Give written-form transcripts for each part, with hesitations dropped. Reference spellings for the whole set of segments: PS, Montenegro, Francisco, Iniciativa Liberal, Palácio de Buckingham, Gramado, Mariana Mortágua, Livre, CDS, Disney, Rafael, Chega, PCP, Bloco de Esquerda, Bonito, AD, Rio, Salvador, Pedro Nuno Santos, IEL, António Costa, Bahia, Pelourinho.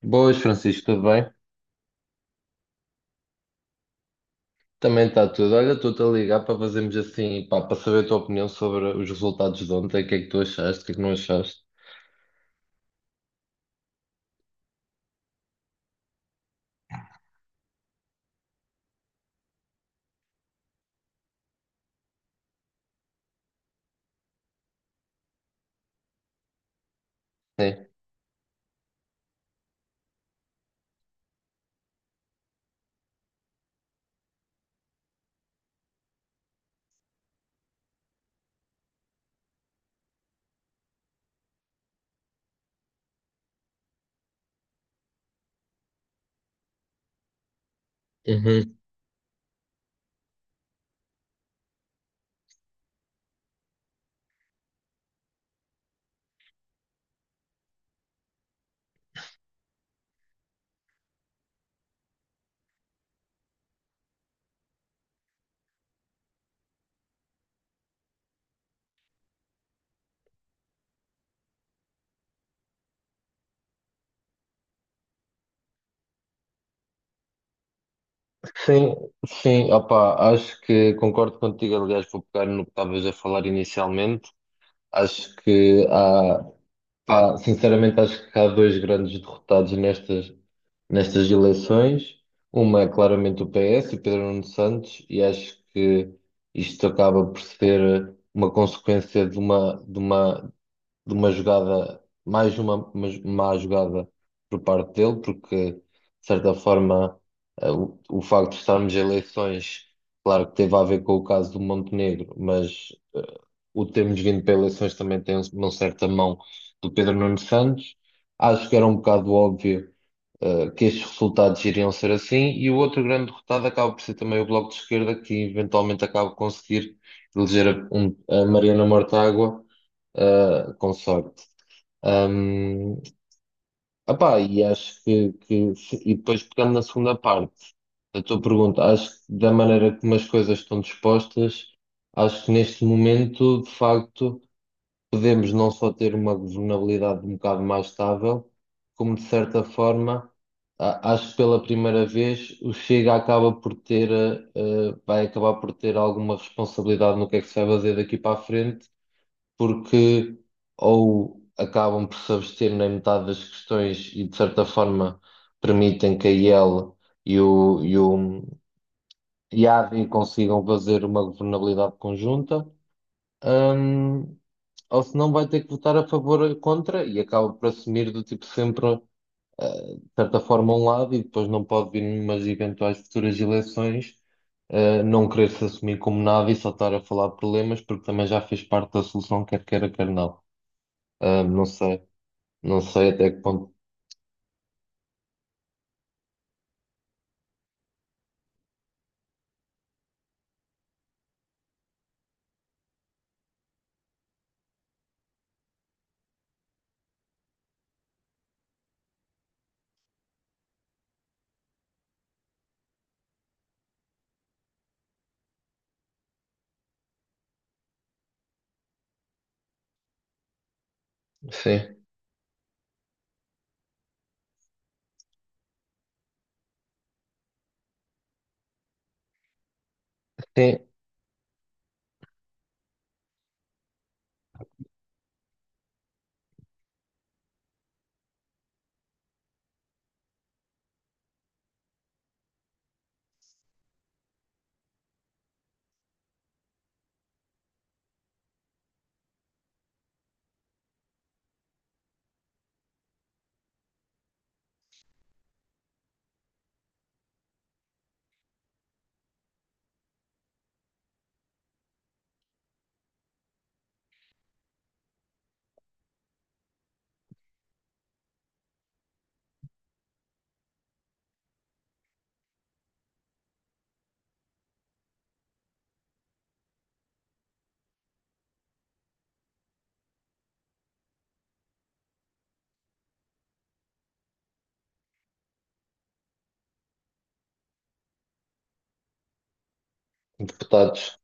Boas, Francisco, tudo bem? Também está tudo. Olha, estou-te a ligar para fazermos assim, pá, para saber a tua opinião sobre os resultados de ontem, o que é que tu achaste, o que é que não achaste. Sim. Uhum. sim, sim, opá, acho que concordo contigo. Aliás, vou pegar no que estavas a falar inicialmente. Acho que há. Pá, sinceramente, acho que há dois grandes derrotados nestas eleições. Uma é claramente o PS, o Pedro Nuno Santos, e acho que isto acaba por ser uma consequência de uma jogada, mais uma, má jogada por parte dele, porque, de certa forma, o facto de estarmos em eleições, claro que teve a ver com o caso do Montenegro. Mas o termos vindo para eleições também tem um, uma certa mão do Pedro Nuno Santos. Acho que era um bocado óbvio, que estes resultados iriam ser assim. E o outro grande derrotado acaba por ser também o Bloco de Esquerda, que eventualmente acaba por conseguir eleger a Mariana Mortágua, com sorte. Um, epá, e acho que e depois pegando na segunda parte da tua pergunta, acho que da maneira como as coisas estão dispostas, acho que neste momento, de facto, podemos não só ter uma governabilidade um bocado mais estável, como de certa forma, acho que pela primeira vez o Chega acaba por ter, vai acabar por ter alguma responsabilidade no que é que se vai fazer daqui para a frente, porque ou acabam por se abster na metade das questões e de certa forma permitem que a IEL e o e a AD consigam fazer uma governabilidade conjunta. Hum, ou se não vai ter que votar a favor ou contra e acaba por assumir do tipo sempre, de certa forma, um lado, e depois não pode vir numas eventuais futuras eleições, não querer se assumir como nada e só estar a falar de problemas porque também já fez parte da solução, quer queira, quer não. Ah, não sei, não sei até que ponto. Sim, sim, deputados.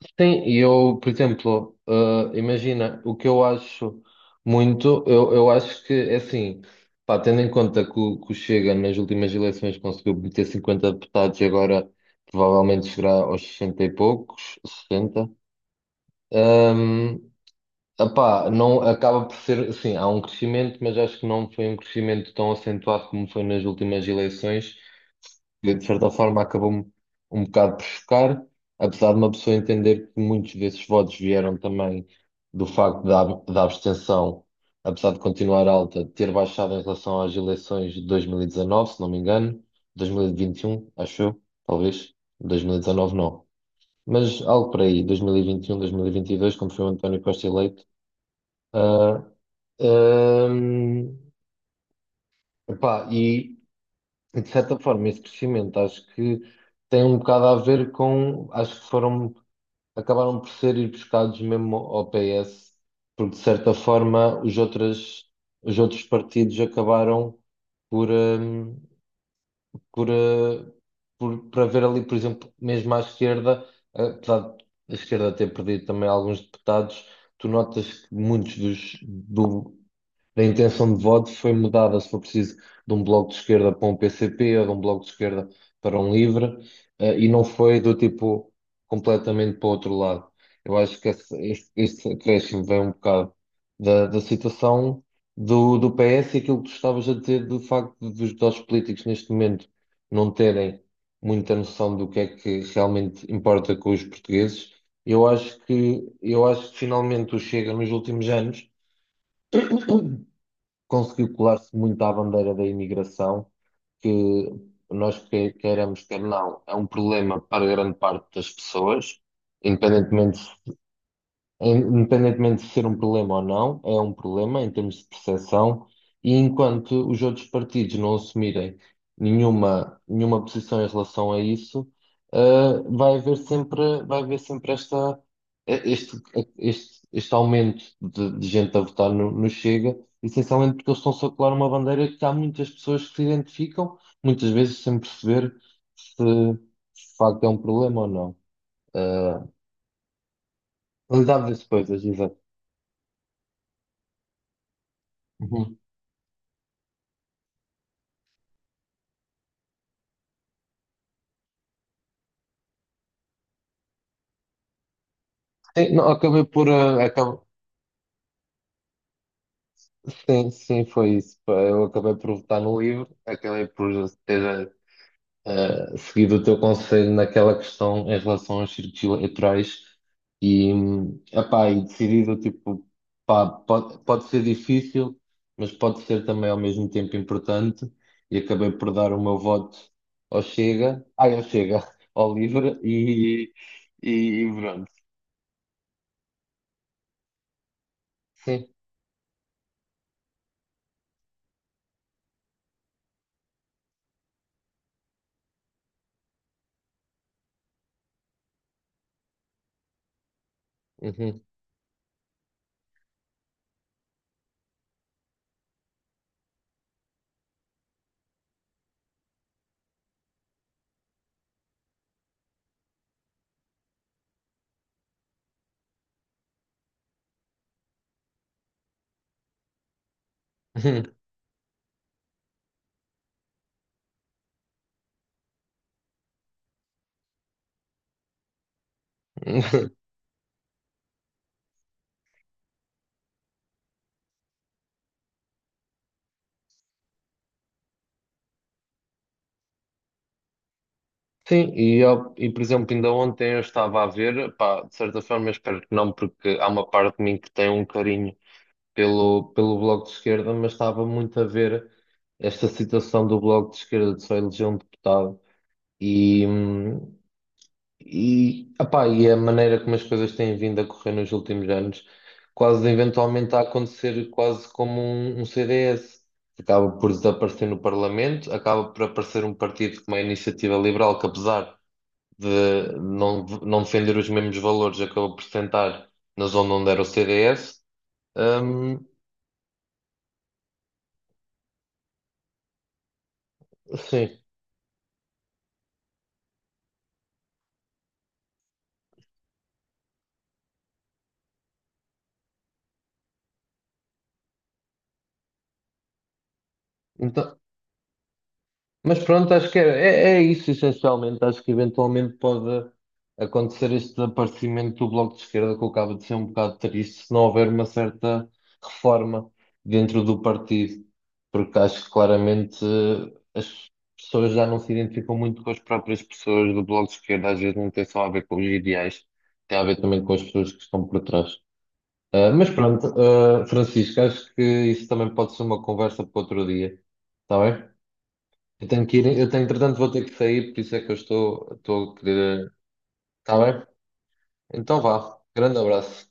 Sim, e eu, por exemplo, imagina, o que eu acho muito, eu acho que, é assim, pá, tendo em conta que o Chega nas últimas eleições conseguiu meter 50 deputados e agora provavelmente chegará aos 60 e poucos, 60, ehm, epá, não, acaba por ser, assim, há um crescimento, mas acho que não foi um crescimento tão acentuado como foi nas últimas eleições, que de certa forma acabou-me um bocado por chocar, apesar de uma pessoa entender que muitos desses votos vieram também do facto da abstenção, apesar de continuar alta, ter baixado em relação às eleições de 2019, se não me engano, 2021, acho eu, talvez, 2019 não. Mas algo por aí, 2021, 2022, quando foi o António Costa eleito. Ah, ahm, epá, e, de certa forma, esse crescimento acho que tem um bocado a ver com. Acho que foram. Acabaram por ser ir buscados mesmo ao PS, porque, de certa forma, os outros partidos acabaram por. Por, eh, para ver ali, por exemplo, mesmo à esquerda, apesar de a esquerda ter perdido também alguns deputados, tu notas que a intenção de voto foi mudada, se for preciso, de um bloco de esquerda para um PCP, ou de um bloco de esquerda para um livre, e não foi do tipo completamente para o outro lado. Eu acho que este acréscimo vem um bocado da situação do PS e aquilo que tu estavas a dizer do facto dos políticos neste momento não terem muita noção do que é que realmente importa com os portugueses. Eu acho que finalmente o Chega nos últimos anos conseguiu colar-se muito à bandeira da imigração, que nós queiramos, quer não, é um problema para grande parte das pessoas, independentemente é, independentemente de ser um problema ou não, é um problema em termos de percepção. E enquanto os outros partidos não assumirem nenhuma posição em relação a isso, vai haver sempre esta, este aumento de gente a votar no Chega, essencialmente porque eles estão-se a colar uma bandeira que há muitas pessoas que se identificam, muitas vezes sem perceber se de facto é um problema ou não. Eh, lidar das coisas, exato. Sim, não, acabei por. Sim, sim, foi isso. Pá, eu acabei por votar no livro, acabei por ter seguido o teu conselho naquela questão em relação aos círculos eleitorais e, epá, e decidido, tipo, pá, pode ser difícil, mas pode ser também ao mesmo tempo importante, e acabei por dar o meu voto ao Chega, ao Livre e pronto. Sim. Uhum. Sim, e, eu, e por exemplo, ainda ontem eu estava a ver, pá, de certa forma eu espero que não, porque há uma parte de mim que tem um carinho pelo Bloco de Esquerda, mas estava muito a ver esta situação do Bloco de Esquerda de só eleger um deputado e, epá, e a maneira como as coisas têm vindo a correr nos últimos anos, quase eventualmente a acontecer quase como um CDS. Acaba por desaparecer no Parlamento, acaba por aparecer um partido como a Iniciativa Liberal, que apesar de não defender os mesmos valores, acabou por sentar na zona onde era o CDS. Hum, sim. Então, mas pronto, acho que é, é isso essencialmente. Acho que eventualmente pode acontecer este desaparecimento do Bloco de Esquerda, que eu acabo de ser um bocado triste, se não houver uma certa reforma dentro do partido, porque acho que claramente as pessoas já não se identificam muito com as próprias pessoas do Bloco de Esquerda. Às vezes não tem só a ver com os ideais, tem a ver também com as pessoas que estão por trás. Ah, mas pronto, ah, Francisco, acho que isso também pode ser uma conversa para outro dia, está bem? Eu tenho, entretanto, vou ter que sair, por isso é que estou a querer. Está bem? Então vá. Grande abraço.